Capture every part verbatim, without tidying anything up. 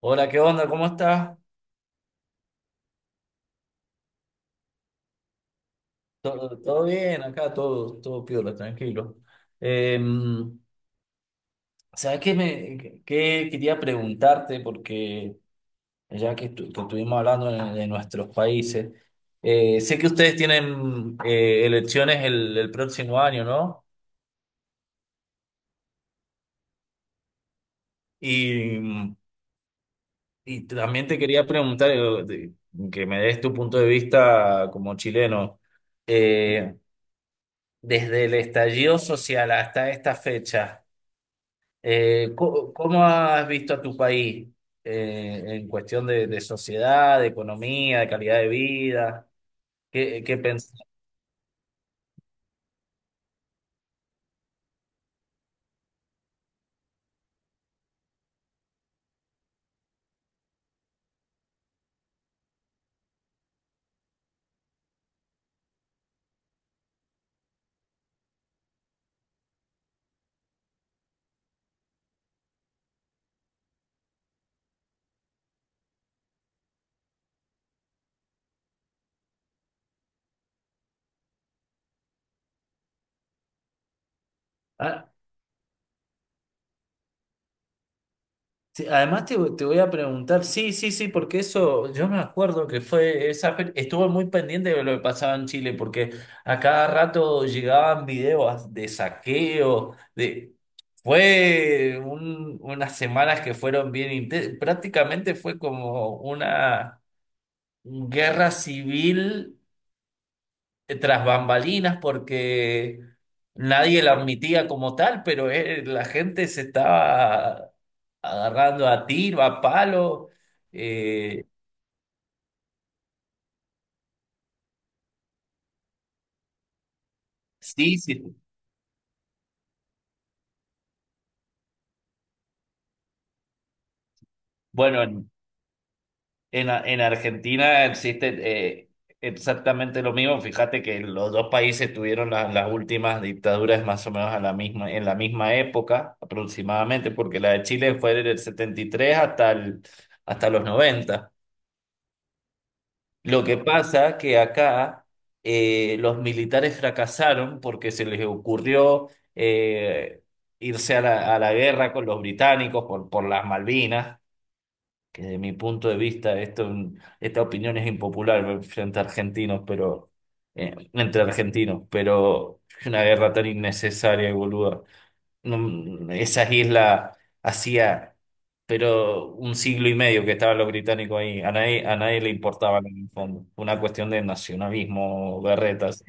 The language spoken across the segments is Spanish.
Hola, ¿qué onda? ¿Cómo estás? ¿Todo, todo bien acá? Todo, todo piola, tranquilo. Eh, ¿Sabes qué, me, qué quería preguntarte? Porque ya que, estu- que estuvimos hablando de, de nuestros países, eh, sé que ustedes tienen eh, elecciones el, el próximo año, ¿no? Y, y también te quería preguntar, eh, de- que me des tu punto de vista como chileno, eh, desde el estallido social hasta esta fecha. Eh, co- ¿cómo has visto a tu país eh, en cuestión de, de sociedad, de economía, de calidad de vida? ¿Qué, qué pensás? Ah, sí, además te, te voy a preguntar, sí, sí, sí, porque eso, yo me acuerdo que fue esa, fe- estuve muy pendiente de lo que pasaba en Chile, porque a cada rato llegaban videos de saqueo, de, fue un- unas semanas que fueron bien intensas, prácticamente fue como una guerra civil tras bambalinas porque nadie la admitía como tal, pero eh, la gente se estaba agarrando a tiro, a palo. Eh, sí, sí. Bueno, en, en, A- en Argentina existe eh, exactamente lo mismo. Fíjate que los dos países tuvieron la- las últimas dictaduras más o menos a la misma, en la misma época aproximadamente, porque la de Chile fue del setenta y tres hasta el, hasta los noventa. Lo que pasa que acá eh, los militares fracasaron porque se les ocurrió eh, irse a la, a la guerra con los británicos por, por las Malvinas, que desde mi punto de vista esto, es un- esta opinión es impopular frente a argentinos, pero eh, entre argentinos, pero es una guerra tan innecesaria y boluda. No, esas islas hacía, pero un siglo y medio que estaban los británicos ahí. A nadie, a nadie le importaba en el fondo. Una cuestión de nacionalismo, berretas.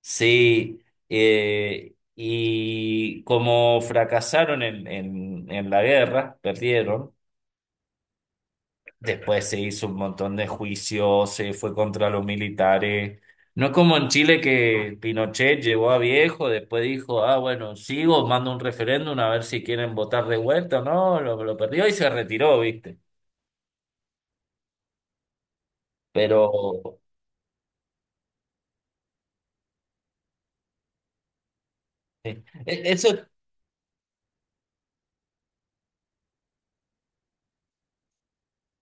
Sí, eh, y como fracasaron en, en, en la guerra, perdieron. Después se hizo un montón de juicios, se fue contra los militares. No es como en Chile que Pinochet llegó a viejo, después dijo, ah, bueno, sigo, mando un referéndum a ver si quieren votar de vuelta, ¿no? Lo, lo perdió y se retiró, ¿viste? Pero eh, e- eso,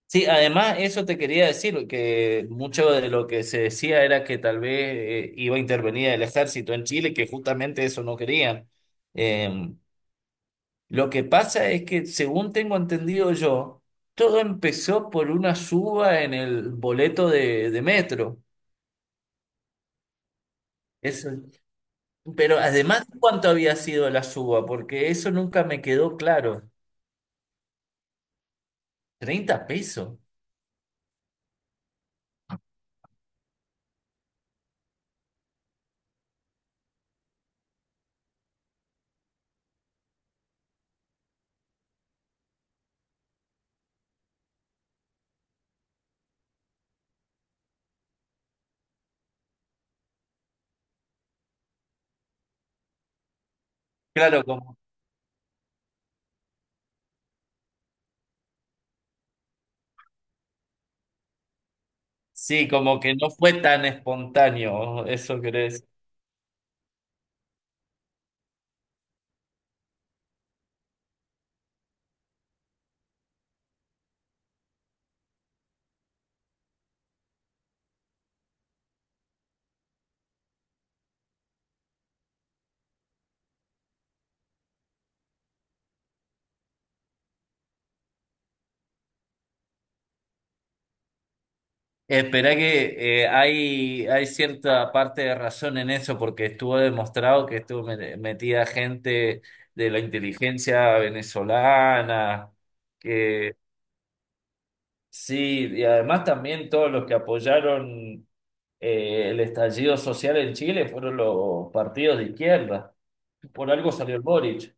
sí, además eso te quería decir, que mucho de lo que se decía era que tal vez eh, iba a intervenir el ejército en Chile, que justamente eso no querían. Em, Lo que pasa es que, según tengo entendido yo, todo empezó por una suba en el boleto de, de metro. Eso, pero además, ¿cuánto había sido la suba? Porque eso nunca me quedó claro. ¿Treinta pesos? Claro, como, sí, como que no fue tan espontáneo, eso querés. Espera que eh, hay, hay cierta parte de razón en eso, porque estuvo demostrado que estuvo me- metida gente de la inteligencia venezolana, que sí, y además también todos los que apoyaron eh, el estallido social en Chile fueron los partidos de izquierda. Por algo salió el Boric.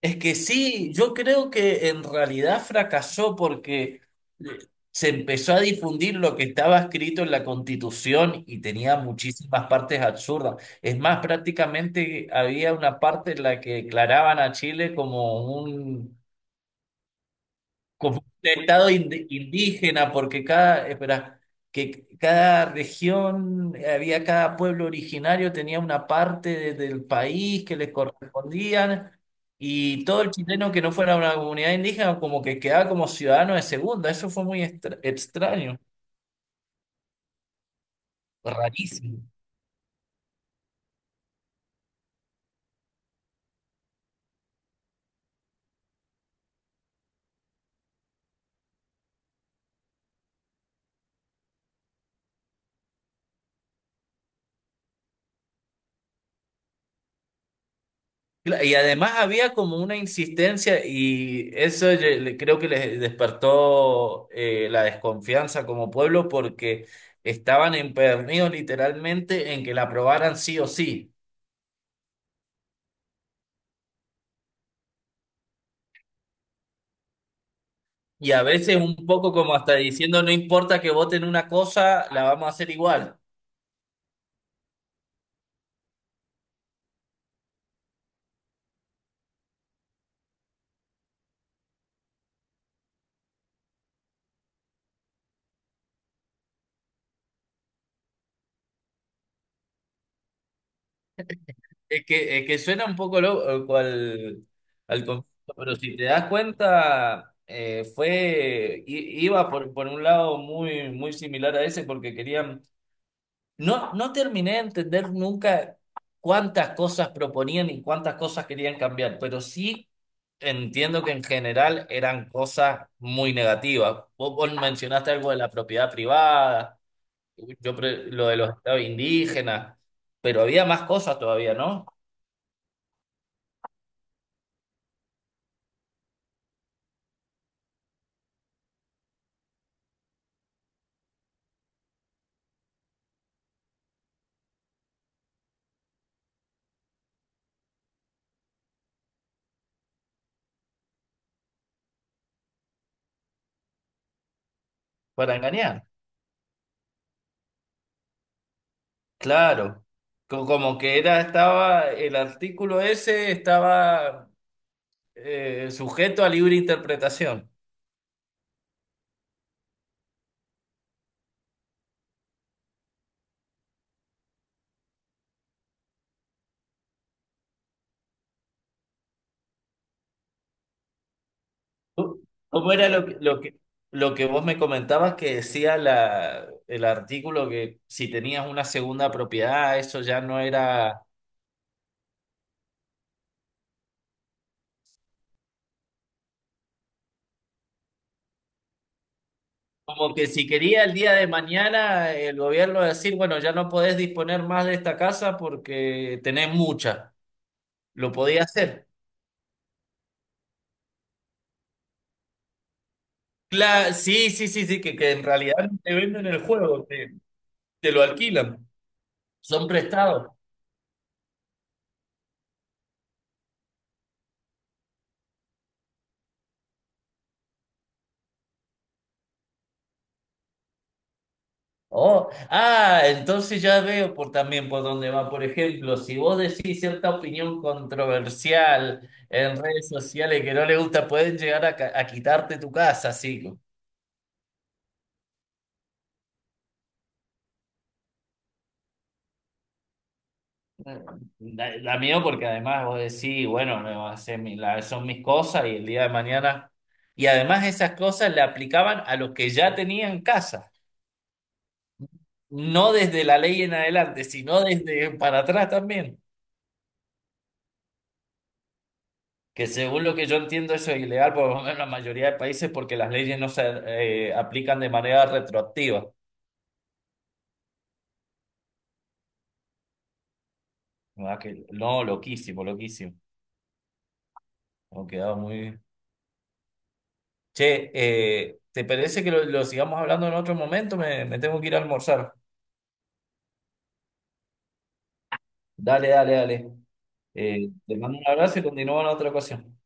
Es que sí, yo creo que en realidad fracasó porque eh, se empezó a difundir lo que estaba escrito en la Constitución y tenía muchísimas partes absurdas. Es más, prácticamente había una parte en la que declaraban a Chile como un como un estado ind- indígena, porque cada, espera, que cada región, había cada pueblo originario, tenía una parte de- del país que les correspondían, y todo el chileno que no fuera una comunidad indígena, como que quedaba como ciudadano de segunda. Eso fue muy extra- extraño, rarísimo. Cla- Y además había como una insistencia y eso yo le- creo que les despertó eh, la desconfianza como pueblo porque estaban empeñados literalmente en que la aprobaran sí o sí. Y a veces un poco como hasta diciendo, no importa que voten una cosa, la vamos a hacer igual. Es que, es que suena un poco loco al, al conflicto, pero si te das cuenta, eh, fue, i- iba por, por un lado muy, muy similar a ese porque querían. No, no terminé de entender nunca cuántas cosas proponían y cuántas cosas querían cambiar, pero sí entiendo que en general eran cosas muy negativas. Vos, vos mencionaste algo de la propiedad privada, yo pre- lo de los estados indígenas, pero había más cosas todavía, ¿no? Para engañar. Claro. Co- Como que era, estaba, el artículo ese estaba eh, sujeto a libre interpretación. ¿Cómo cómo era lo que, lo que, lo que vos me comentabas que decía la, el artículo, que si tenías una segunda propiedad, eso ya no era... Como que si quería el día de mañana el gobierno decir, bueno, ya no podés disponer más de esta casa porque tenés mucha. Lo podía hacer. Cla- sí, sí, sí, sí, que, que en realidad no te venden el juego, te, te lo alquilan. Son prestados. Oh, ah, entonces ya veo por también por dónde va. Por ejemplo, si vos decís cierta opinión controversial en redes sociales que no le gusta, pueden llegar a, ca- a quitarte tu casa, sí. La, la mía, porque además vos decís, bueno, no, hace mi- la- son mis cosas y el día de mañana. Y además esas cosas le aplicaban a los que ya tenían casa, no desde la ley en adelante, sino desde para atrás también. Que según lo que yo entiendo eso es ilegal, por lo menos en la mayoría de países, porque las leyes no se eh, aplican de manera retroactiva. ¿Verdad que- No, loquísimo, loquísimo. Hemos quedado muy... Che, eh, ¿te parece que lo, lo sigamos hablando en otro momento? Me, me tengo que ir a almorzar. Dale, dale, dale. Eh, te mando un abrazo y continúa en otra ocasión.